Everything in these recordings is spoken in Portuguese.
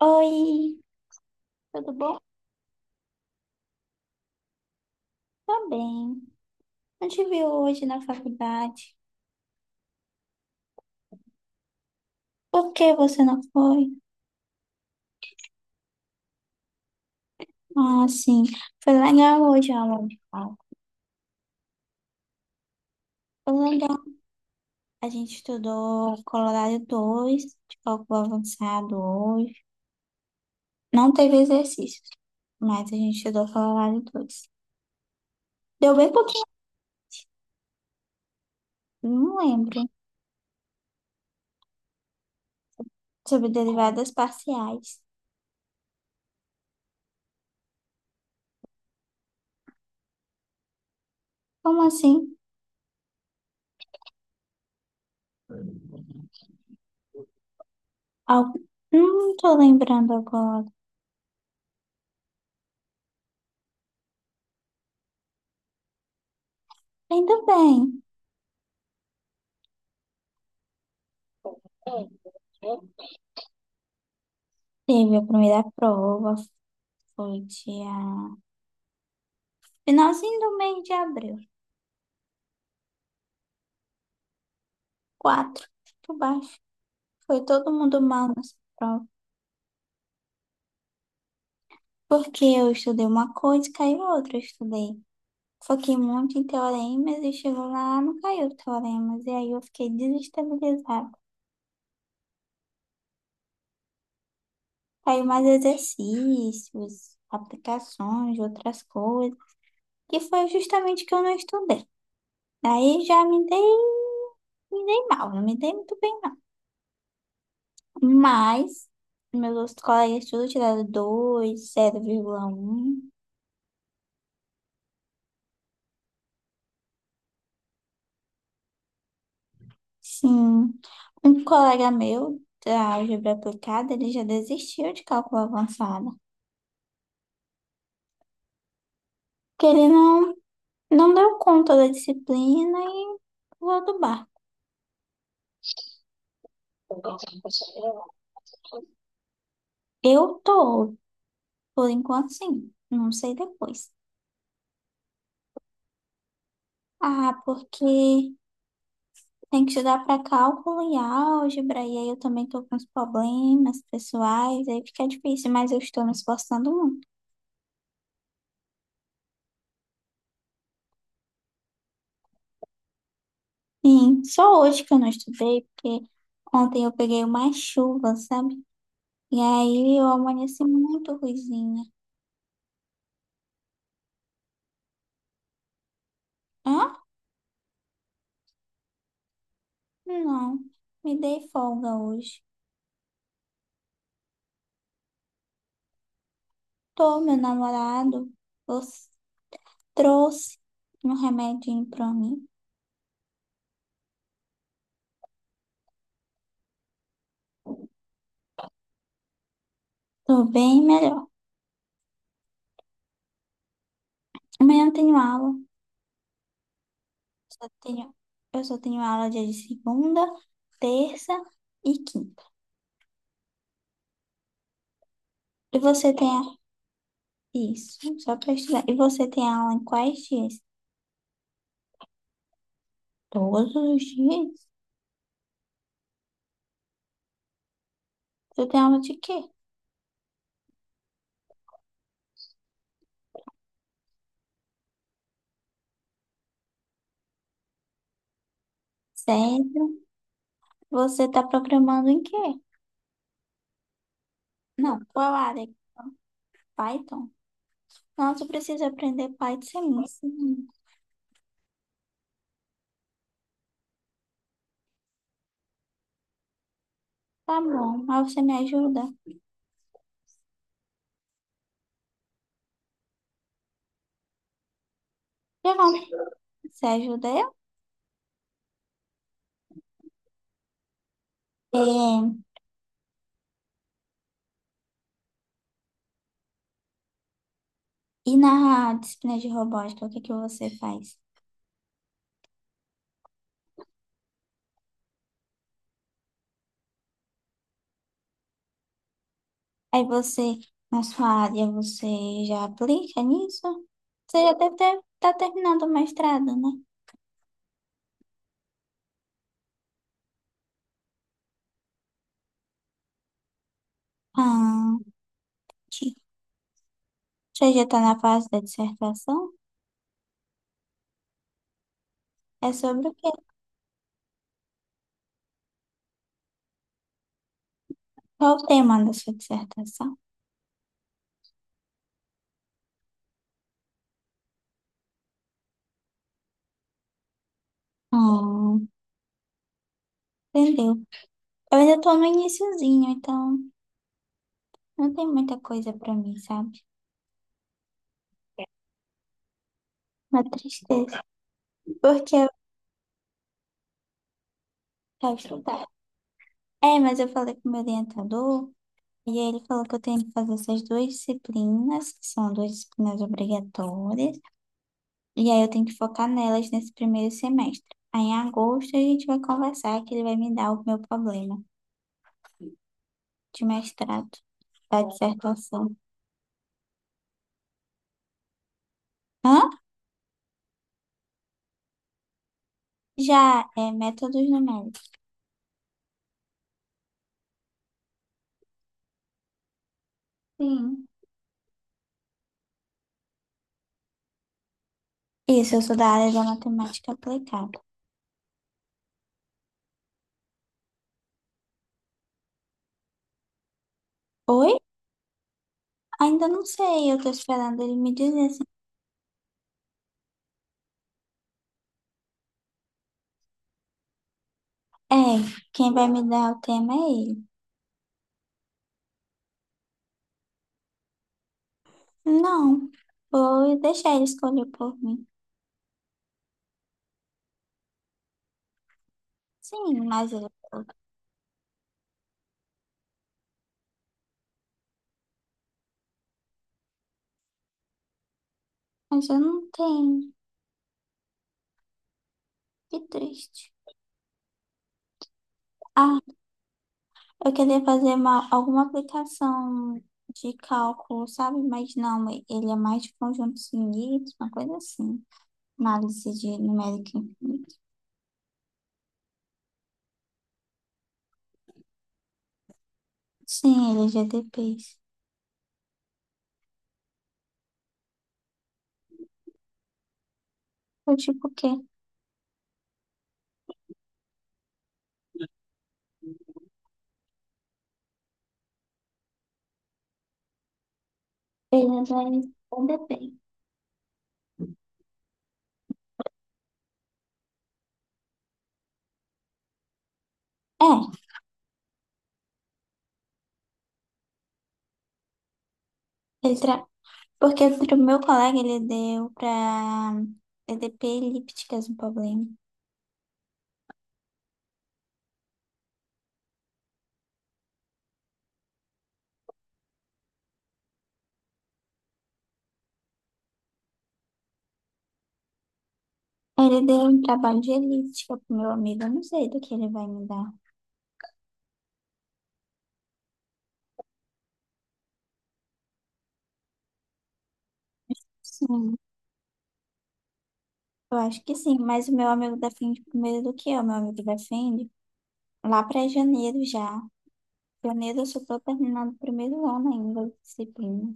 Oi, tudo bom? Tá bem. Não te vi hoje na faculdade. Por que você não foi? Ah, sim. Foi legal hoje a aula de cálculo. Foi legal. A gente estudou Colorado 2 de cálculo avançado hoje. Não teve exercícios, mas a gente estudou Colorado dois. Deu bem pouquinho. Não lembro. Sobre derivadas parciais. Como assim? Algo... Não tô lembrando agora. Ainda bem. Teve a primeira prova, foi dia... Finalzinho do mês de abril. Quatro, por baixo. Foi todo mundo mal nessa prova. Porque eu estudei uma coisa e caiu outra. Eu estudei. Foquei muito em teoremas e chegou lá, não caiu teoremas. E aí eu fiquei desestabilizada. Caiu mais exercícios, aplicações, outras coisas. Que foi justamente que eu não estudei. Daí já me dei mal, não me dei muito bem, não. Mas meus colegas todos tiraram dois, 0,1. Sim. Um colega meu da álgebra aplicada, ele já desistiu de cálculo avançado. Porque ele não deu conta da disciplina e pulou do barco. Eu tô, por enquanto, sim. Não sei depois. Ah, porque tem que estudar para cálculo e álgebra, e aí eu também tô com uns problemas pessoais, aí fica difícil, mas eu estou me esforçando muito. Sim, só hoje que eu não estudei, porque ontem eu peguei uma chuva, sabe? E aí eu amanheci muito ruizinha. Hã? Não, me dei folga hoje. Tô, meu namorado os- trouxe um remedinho pra mim. Tô bem melhor. Amanhã eu tenho aula. Só tenho, eu só tenho aula dia de segunda, terça e quinta. E você tem a... Isso, só para estudar. E você tem aula em quais dias? Todos os dias? Você tem aula de quê? Sério? Você está programando em quê? Não, qual área? Python? Nossa, eu preciso aprender Python. Me ensina. Tá bom, mas você me ajuda? Tá bom. Você ajuda eu? É, e na disciplina de robótica, o que que você faz? Aí você, na sua área, você já aplica nisso? Você já deve estar terminando o mestrado, né? Ah, que- você já está na fase da dissertação? É sobre o quê? Qual o tema da sua dissertação? Ah, entendeu? Eu ainda estou no iniciozinho, então não tem muita coisa para mim, sabe? Uma tristeza. Porque eu estava estudando. É, mas eu falei com o meu orientador, e aí ele falou que eu tenho que fazer essas duas disciplinas, que são duas disciplinas obrigatórias. E aí eu tenho que focar nelas nesse primeiro semestre. Aí em agosto a gente vai conversar que ele vai me dar o meu problema de mestrado, da dissertação. Hã? Já é métodos numéricos. Sim. Isso, eu sou da área da matemática aplicada. Oi? Ainda não sei, eu tô esperando ele me dizer assim. É, quem vai me dar o tema é ele. Não, vou deixar ele escolher por mim. Sim, mas ele falou, mas eu não tenho. Que triste. Ah. Eu queria fazer uma, alguma aplicação de cálculo, sabe? Mas não, ele é mais de conjunto finito, uma coisa assim. Análise de numérica infinita. Sim, ele é GDPs. Eu tipo o quê? Ele vai ainda bem. É, ele tra... porque o meu colega ele deu pra EDP elípticas um problema. Ele deu um trabalho de elíptica pro meu amigo, eu não sei do que ele vai me dar. Sim. Eu acho que sim, mas o meu amigo defende primeiro do que eu. Meu amigo defende lá para janeiro já. Janeiro eu só estou terminando o primeiro ano ainda de disciplina.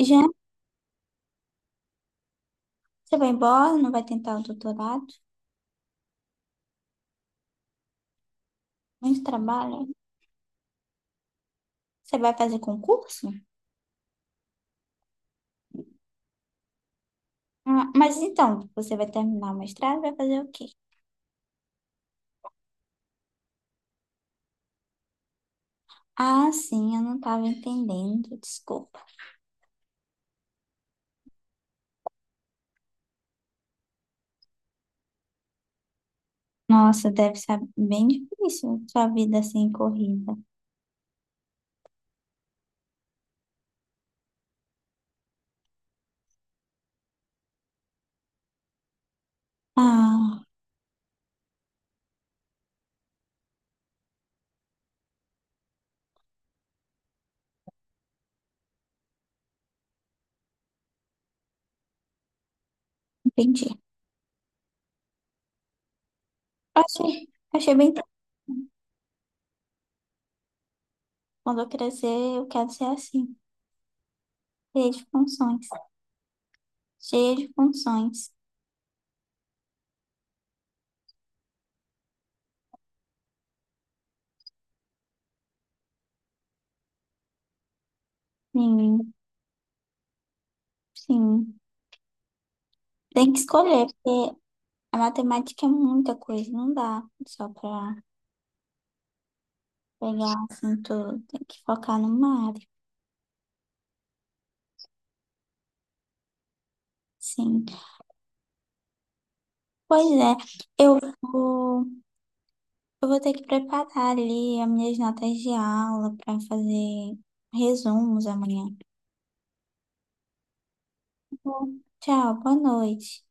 Já você vai embora, não vai tentar o doutorado, muito trabalho. Você vai fazer concurso? Ah, mas então, você vai terminar o mestrado, vai fazer o quê? Ah, sim, eu não estava entendendo, desculpa. Nossa, deve ser bem difícil sua vida assim corrida. Ah, entendi. Achei, achei bem. Quando eu crescer, eu quero ser assim, cheia de funções. Cheia de funções. Sim, sim. Tem que escolher, porque a matemática é muita coisa, não dá só para pegar assim tudo. Tem que focar numa área. Sim. Pois é, eu vou, eu vou ter que preparar ali as minhas notas de aula para fazer resumos amanhã. Tá bom? Tchau, boa noite.